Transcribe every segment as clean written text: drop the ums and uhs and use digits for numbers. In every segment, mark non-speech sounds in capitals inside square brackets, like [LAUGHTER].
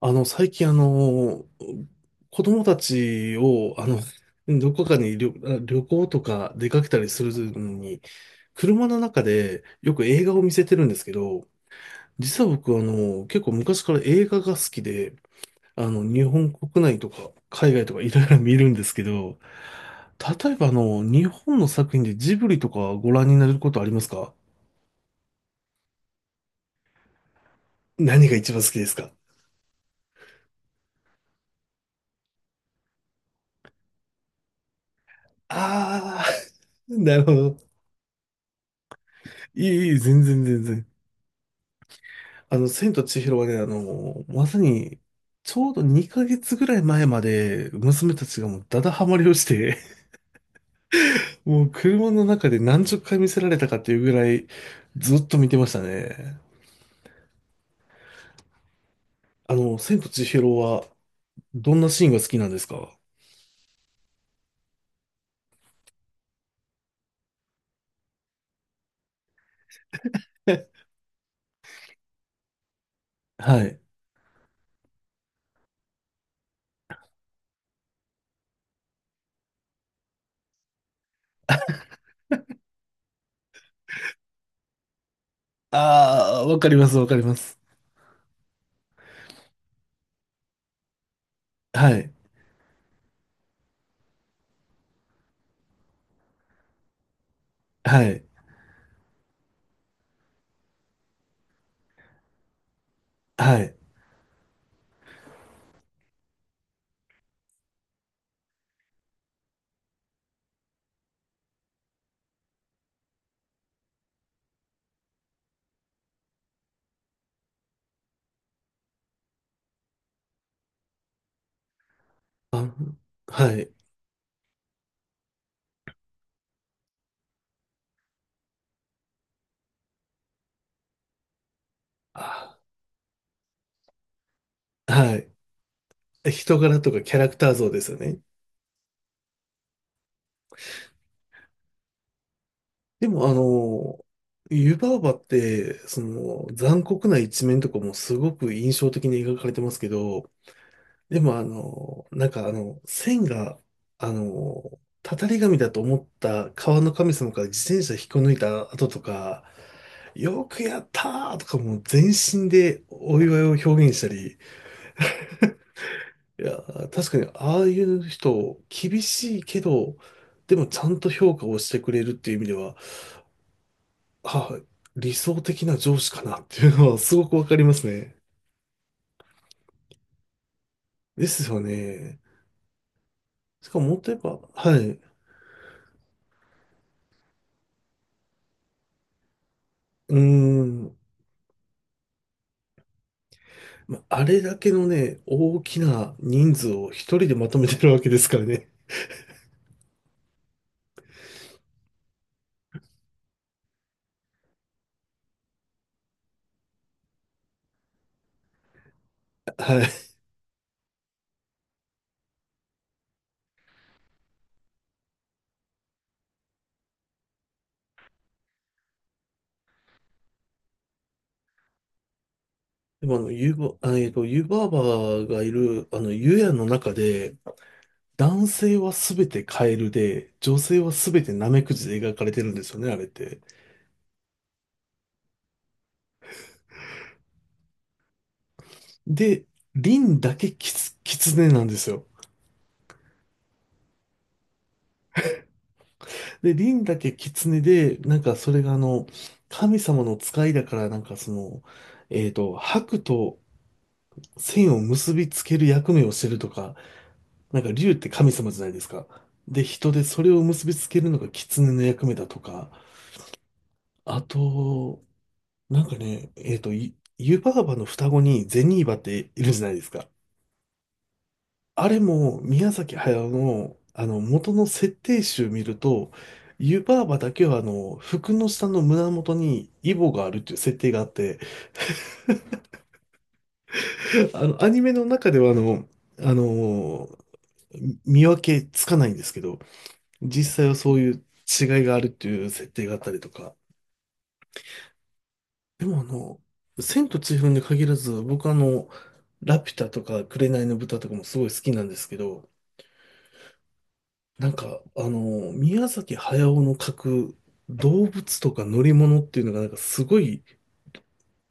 最近子供たちを、どこかに旅行とか出かけたりするのに、車の中でよく映画を見せてるんですけど、実は僕結構昔から映画が好きで、日本国内とか海外とかいろいろ見るんですけど、例えば日本の作品でジブリとかご覧になることありますか？何が一番好きですか？あ、あー、[LAUGHS] なるほど。いい、いい、全然全然。千と千尋はね、まさに、ちょうど2ヶ月ぐらい前まで、娘たちがもうダダハマりをして、[LAUGHS] もう車の中で何十回見せられたかっていうぐらい、ずっと見てましたね。千と千尋は、どんなシーンが好きなんですか？ [LAUGHS] はい。ああ、わかります、わかります。はい、はい、はい。あ、はい。あ、はい。人柄とかキャラクター像ですよね。でも湯婆婆って、その残酷な一面とかもすごく印象的に描かれてますけど、でもなんか線が、あの、たたり神だと思った川の神様から自転車引っこ抜いた後とか、よくやったーとかもう全身でお祝いを表現したり、いや、確かにああいう人、厳しいけど、でもちゃんと評価をしてくれるっていう意味では、あ、理想的な上司かなっていうのはすごくわかりますね。ですよね。しかももっと言えば、はい。うーん。まあれだけのね、大きな人数を一人でまとめてるわけですからね。はい。でもユーバ、あえっと、ユーバーバーがいる、ユヤの中で、男性はすべてカエルで、女性はすべてナメクジで描かれてるんですよね、あれって。で、リンだけキツネなんですよ。で、リンだけ狐で、なんかそれが神様の使いだから、なんかその、白と線を結びつける役目をしてるとか、なんか竜って神様じゃないですか。で、人でそれを結びつけるのが狐の役目だとか、あと、なんかね、湯婆婆の双子にゼニーバっているじゃないですか。あれも宮崎駿の、あの元の設定集見ると、湯婆婆だけはあの服の下の胸元にイボがあるっていう設定があって、[LAUGHS] あのアニメの中ではあの見分けつかないんですけど、実際はそういう違いがあるっていう設定があったりとか。でも千と千尋に限らず、僕ラピュタとか紅の豚とかもすごい好きなんですけど、なんか、宮崎駿の描く動物とか乗り物っていうのがなんかすごい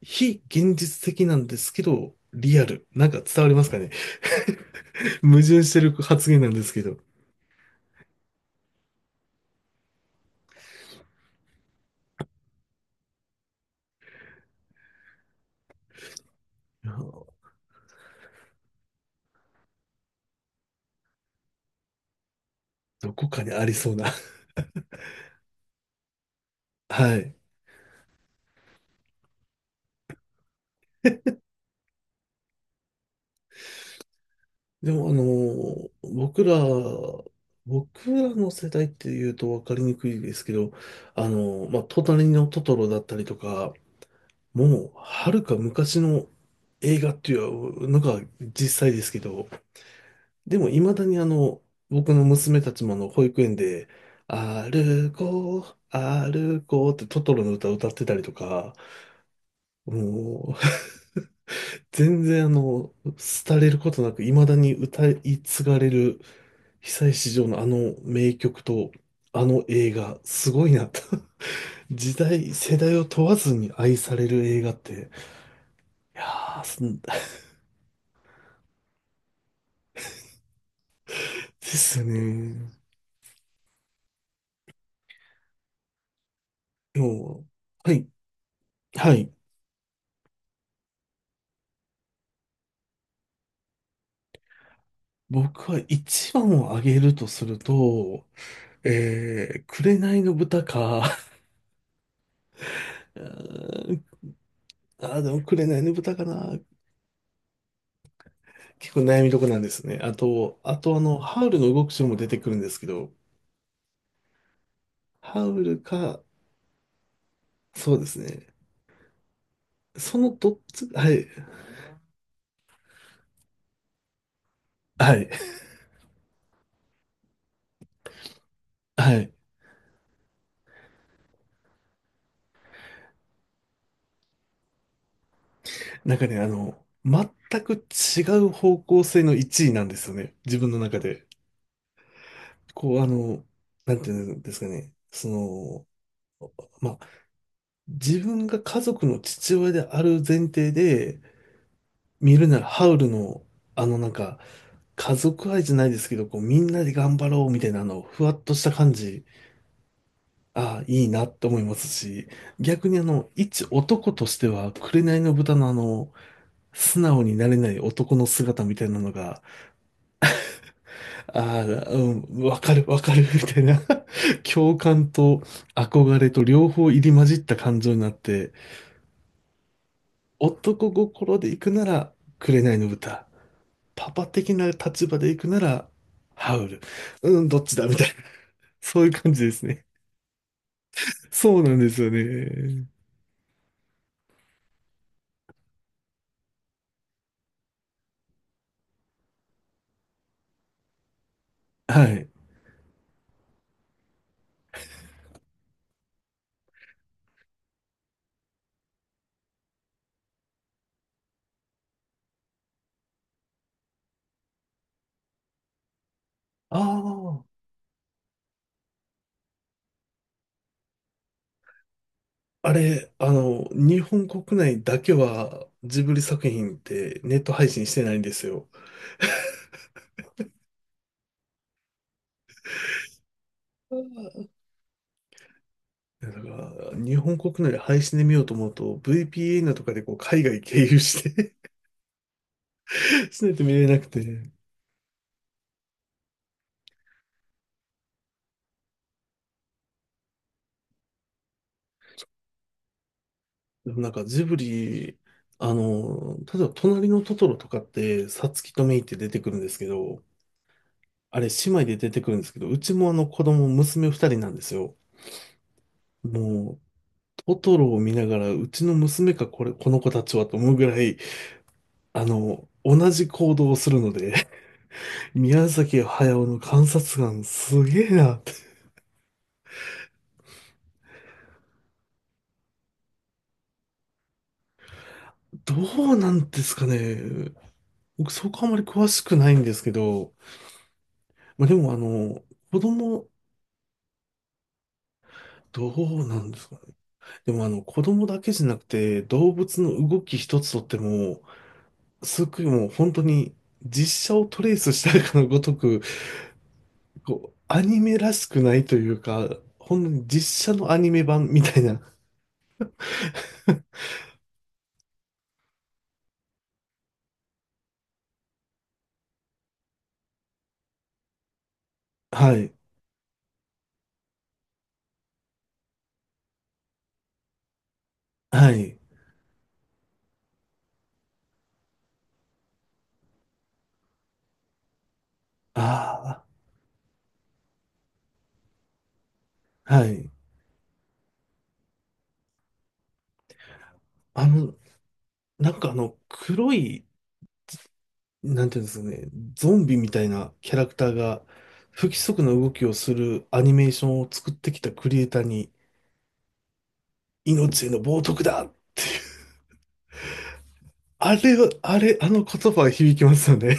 非現実的なんですけど、リアル。なんか伝わりますかね？ [LAUGHS] 矛盾してる発言なんですけど。いや、どこかにありそうな。[LAUGHS] はい。でも僕らの世代っていうと分かりにくいですけど、まあ、隣のトトロだったりとか、もう、はるか昔の映画っていうのが実際ですけど、でも未だに僕の娘たちも保育園で、歩こう、歩こうってトトロの歌を歌ってたりとか、もう、[LAUGHS] 全然廃れることなく未だに歌い継がれる被災市場のあの名曲と、あの映画、すごいなと。[LAUGHS] 時代、世代を問わずに愛される映画って、いやー、す [LAUGHS] ですよね。今日、はい、はい。僕は一番を挙げるとすると、紅の豚か、[LAUGHS] うーんあー、でも紅の豚かな。結構悩みどこなんですね。あと、ハウルの動く城も出てくるんですけど、ハウルか、そうですね。そのどっち、はい、はい、はい。なんかね、全く違う方向性の一位なんですよね。自分の中で。こう、なんていうんですかね。その、まあ、自分が家族の父親である前提で、見るならハウルの、あのなんか、家族愛じゃないですけど、こう、みんなで頑張ろうみたいな、ふわっとした感じ、ああ、いいなって思いますし、逆に一男としては、紅の豚の素直になれない男の姿みたいなのが、ああ、うん、わかるわかるみたいな [LAUGHS]、共感と憧れと両方入り混じった感情になって、男心で行くなら、紅の豚。パパ的な立場で行くなら、ハウル。うん、どっちだみたいな。そういう感じですね。そうなんですよね。はい。ああ、あれ、日本国内だけは、ジブリ作品ってネット配信してないんですよ。だから、日本国内で配信で見ようと思うと、VPN とかでこう海外経由して [LAUGHS] しないと [LAUGHS] 見れなくて。でもなんかジブリ、例えば隣のトトロとかって、サツキとメイって出てくるんですけど、あれ姉妹で出てくるんですけど、うちもあの子供、娘二人なんですよ。もう、トトロを見ながら、うちの娘かこれ、この子たちはと思うぐらい、同じ行動をするので、[LAUGHS] 宮崎駿の観察眼すげえなって。どうなんですかね。僕そこあまり詳しくないんですけど、まあ、でも子供、どうなんですかね？でも子供だけじゃなくて、動物の動き一つとっても、すごいもう本当に実写をトレースしたかのごとく、こう、アニメらしくないというか、本当に実写のアニメ版みたいな。[LAUGHS] はい。はい。ああ、はい。あの、なんか黒い、なんていうんですかね、ゾンビみたいなキャラクターが、不規則な動きをするアニメーションを作ってきたクリエイターに、命への冒涜だってあれは、あれ、あの言葉は響きますよね。